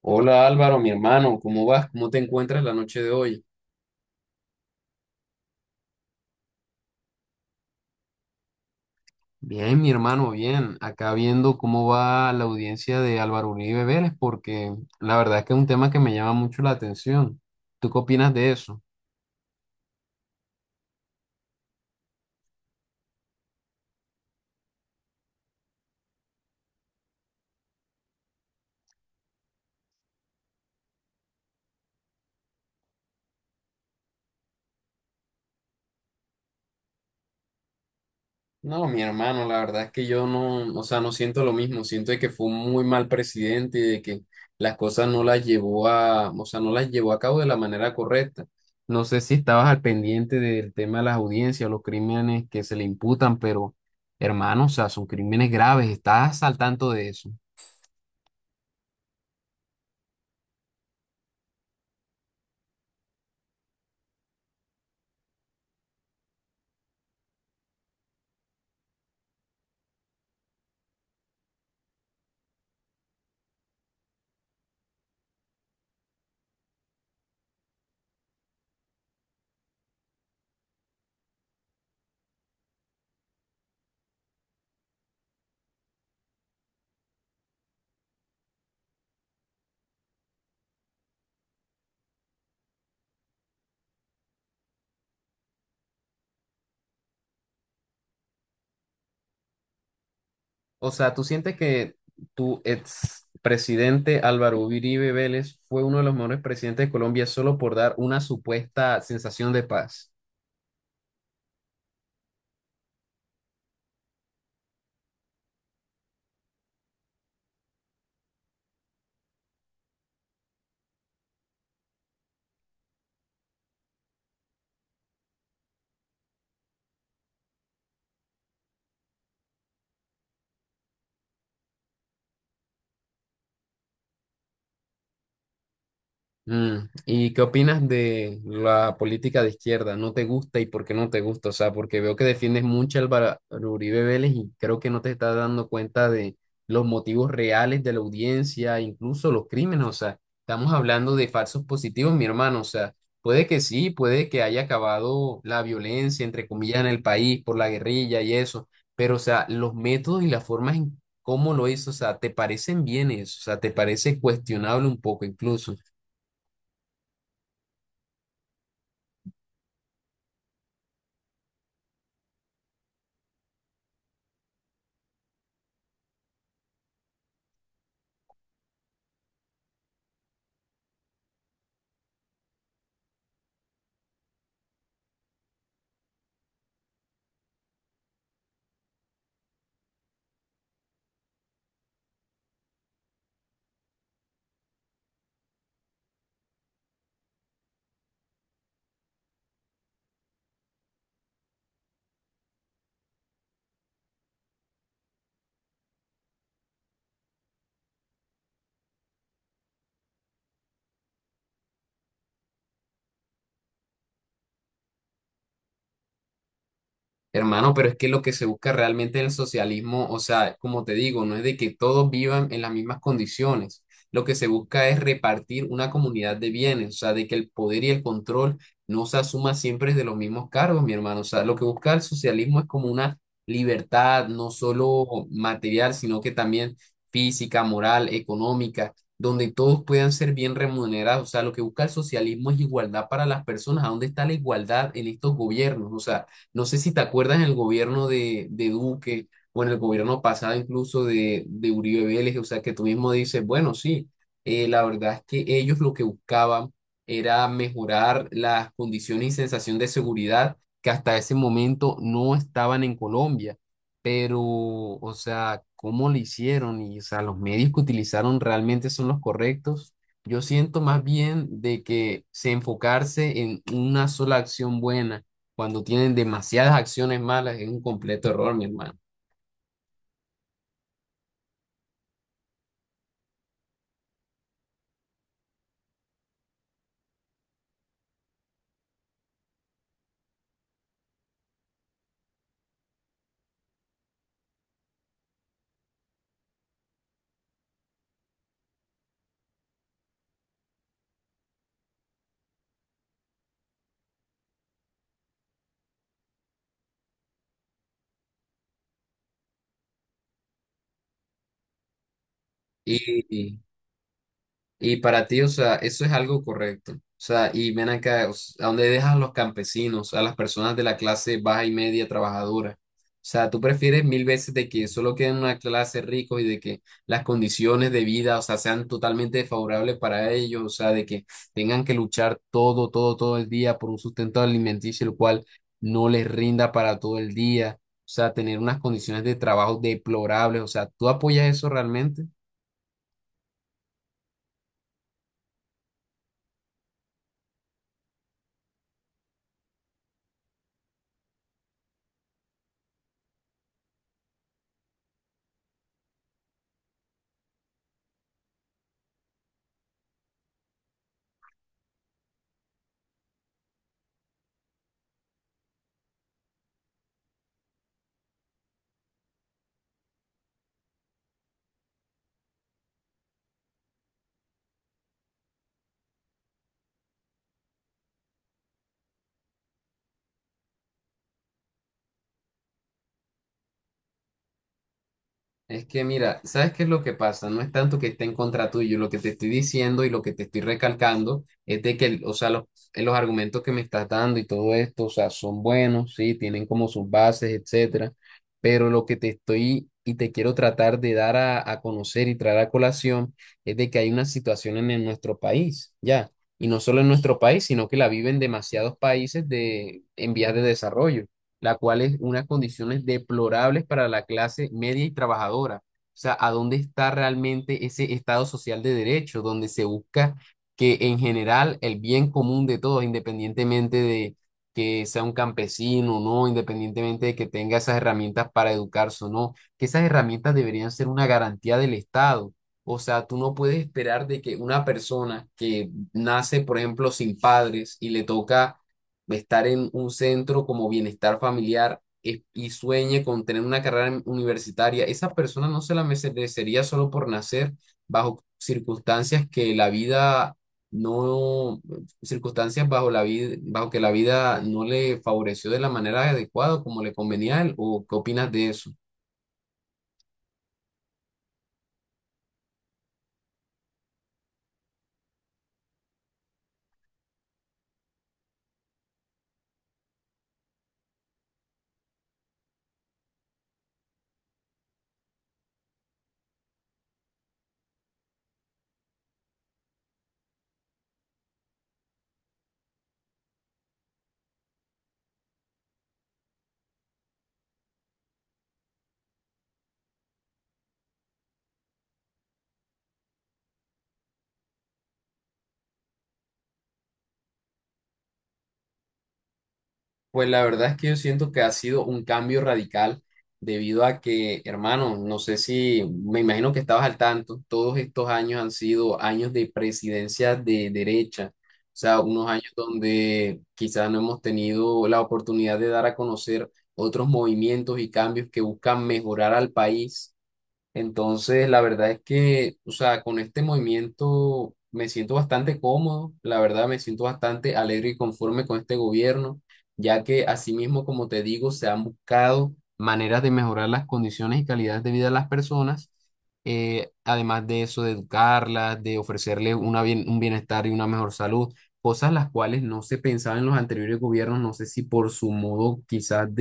Hola Álvaro, mi hermano, ¿cómo vas? ¿Cómo te encuentras la noche de hoy? Bien, mi hermano, bien. Acá viendo cómo va la audiencia de Álvaro Uribe Vélez, porque la verdad es que es un tema que me llama mucho la atención. ¿Tú qué opinas de eso? No, mi hermano, la verdad es que yo no, o sea, no siento lo mismo, siento de que fue un muy mal presidente y de que las cosas no las llevó a, o sea, no las llevó a cabo de la manera correcta. No sé si estabas al pendiente del tema de las audiencias, los crímenes que se le imputan, pero hermano, o sea, son crímenes graves, estás al tanto de eso. O sea, ¿tú sientes que tu ex presidente Álvaro Uribe Vélez fue uno de los mejores presidentes de Colombia solo por dar una supuesta sensación de paz? Mm, ¿y qué opinas de la política de izquierda? ¿No te gusta y por qué no te gusta? O sea, porque veo que defiendes mucho al Álvaro Uribe Vélez y creo que no te estás dando cuenta de los motivos reales de la audiencia, incluso los crímenes. O sea, estamos hablando de falsos positivos, mi hermano. O sea, puede que sí, puede que haya acabado la violencia, entre comillas, en el país por la guerrilla y eso, pero o sea, los métodos y las formas en cómo lo hizo, o sea, ¿te parecen bienes? O sea, ¿te parece cuestionable un poco incluso? Hermano, pero es que lo que se busca realmente en el socialismo, o sea, como te digo, no es de que todos vivan en las mismas condiciones. Lo que se busca es repartir una comunidad de bienes, o sea, de que el poder y el control no se asuma siempre de los mismos cargos, mi hermano. O sea, lo que busca el socialismo es como una libertad, no solo material, sino que también física, moral, económica, donde todos puedan ser bien remunerados. O sea, lo que busca el socialismo es igualdad para las personas. ¿A dónde está la igualdad en estos gobiernos? O sea, no sé si te acuerdas en el gobierno de Duque o en el gobierno pasado incluso de Uribe Vélez, o sea, que tú mismo dices, bueno, sí, la verdad es que ellos lo que buscaban era mejorar las condiciones y sensación de seguridad que hasta ese momento no estaban en Colombia. Pero, o sea, ¿cómo lo hicieron? Y, o sea, los medios que utilizaron realmente son los correctos. Yo siento más bien de que se enfocarse en una sola acción buena cuando tienen demasiadas acciones malas es un completo error, mi hermano. Y, Y para ti, o sea, eso es algo correcto. O sea, y ven acá, ¿a dónde dejas a los campesinos, a las personas de la clase baja y media trabajadora? O sea, tú prefieres mil veces de que solo queden una clase ricos y de que las condiciones de vida, o sea, sean totalmente desfavorables para ellos, o sea, de que tengan que luchar todo, todo el día por un sustento alimenticio, el cual no les rinda para todo el día, o sea, tener unas condiciones de trabajo deplorables, o sea, ¿tú apoyas eso realmente? Es que mira, ¿sabes qué es lo que pasa? No es tanto que esté en contra tuyo, lo que te estoy diciendo y lo que te estoy recalcando es de que, o sea, los argumentos que me estás dando y todo esto, o sea, son buenos, sí, tienen como sus bases, etcétera, pero lo que te estoy y te quiero tratar de dar a conocer y traer a colación es de que hay una situación en nuestro país, ya, y no solo en nuestro país, sino que la viven demasiados países de, en vías de desarrollo la cual es unas condiciones deplorables para la clase media y trabajadora. O sea, ¿a dónde está realmente ese Estado social de derecho, donde se busca que en general el bien común de todos, independientemente de que sea un campesino o no, independientemente de que tenga esas herramientas para educarse o no, que esas herramientas deberían ser una garantía del Estado? O sea, tú no puedes esperar de que una persona que nace, por ejemplo, sin padres y le toca de estar en un centro como bienestar familiar y sueñe con tener una carrera universitaria, esa persona no se la merecería solo por nacer bajo circunstancias que la vida no, circunstancias bajo la vida, bajo que la vida no le favoreció de la manera adecuada como le convenía a él, ¿o qué opinas de eso? Pues la verdad es que yo siento que ha sido un cambio radical debido a que, hermano, no sé si me imagino que estabas al tanto, todos estos años han sido años de presidencia de derecha, o sea, unos años donde quizás no hemos tenido la oportunidad de dar a conocer otros movimientos y cambios que buscan mejorar al país, entonces la verdad es que, o sea, con este movimiento me siento bastante cómodo, la verdad me siento bastante alegre y conforme con este gobierno, ya que asimismo, como te digo, se han buscado maneras de mejorar las condiciones y calidad de vida de las personas, además de eso, de educarlas, de ofrecerles una un bienestar y una mejor salud, cosas las cuales no se pensaba en los anteriores gobiernos, no sé si por su modo quizás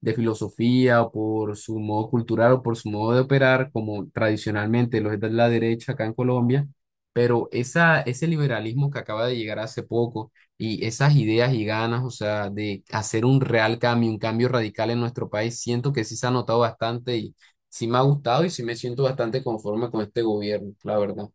de filosofía o por su modo cultural o por su modo de operar, como tradicionalmente lo es la derecha acá en Colombia, pero esa, ese liberalismo que acaba de llegar hace poco y esas ideas y ganas, o sea, de hacer un real cambio, un cambio radical en nuestro país, siento que sí se ha notado bastante y sí me ha gustado y sí me siento bastante conforme con este gobierno, la verdad.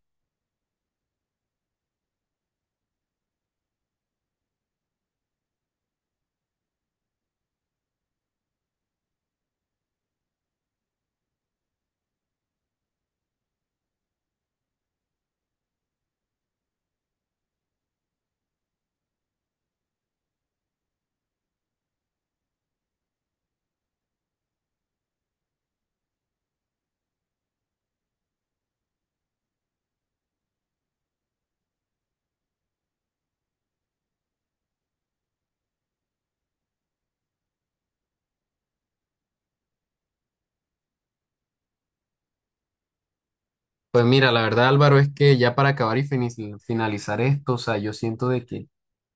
Pues mira, la verdad, Álvaro, es que ya para acabar y finalizar esto, o sea, yo siento de que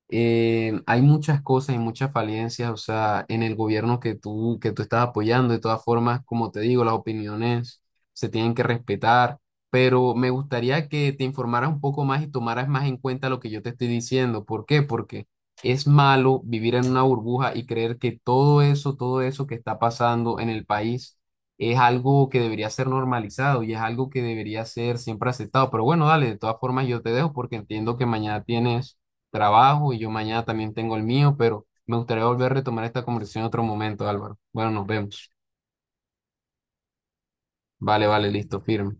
hay muchas cosas y muchas falencias, o sea, en el gobierno que tú estás apoyando. De todas formas, como te digo, las opiniones se tienen que respetar, pero me gustaría que te informaras un poco más y tomaras más en cuenta lo que yo te estoy diciendo. ¿Por qué? Porque es malo vivir en una burbuja y creer que todo eso que está pasando en el país es algo que debería ser normalizado y es algo que debería ser siempre aceptado. Pero bueno, dale, de todas formas yo te dejo porque entiendo que mañana tienes trabajo y yo mañana también tengo el mío, pero me gustaría volver a retomar esta conversación en otro momento, Álvaro. Bueno, nos vemos. Vale, vale, listo, firme.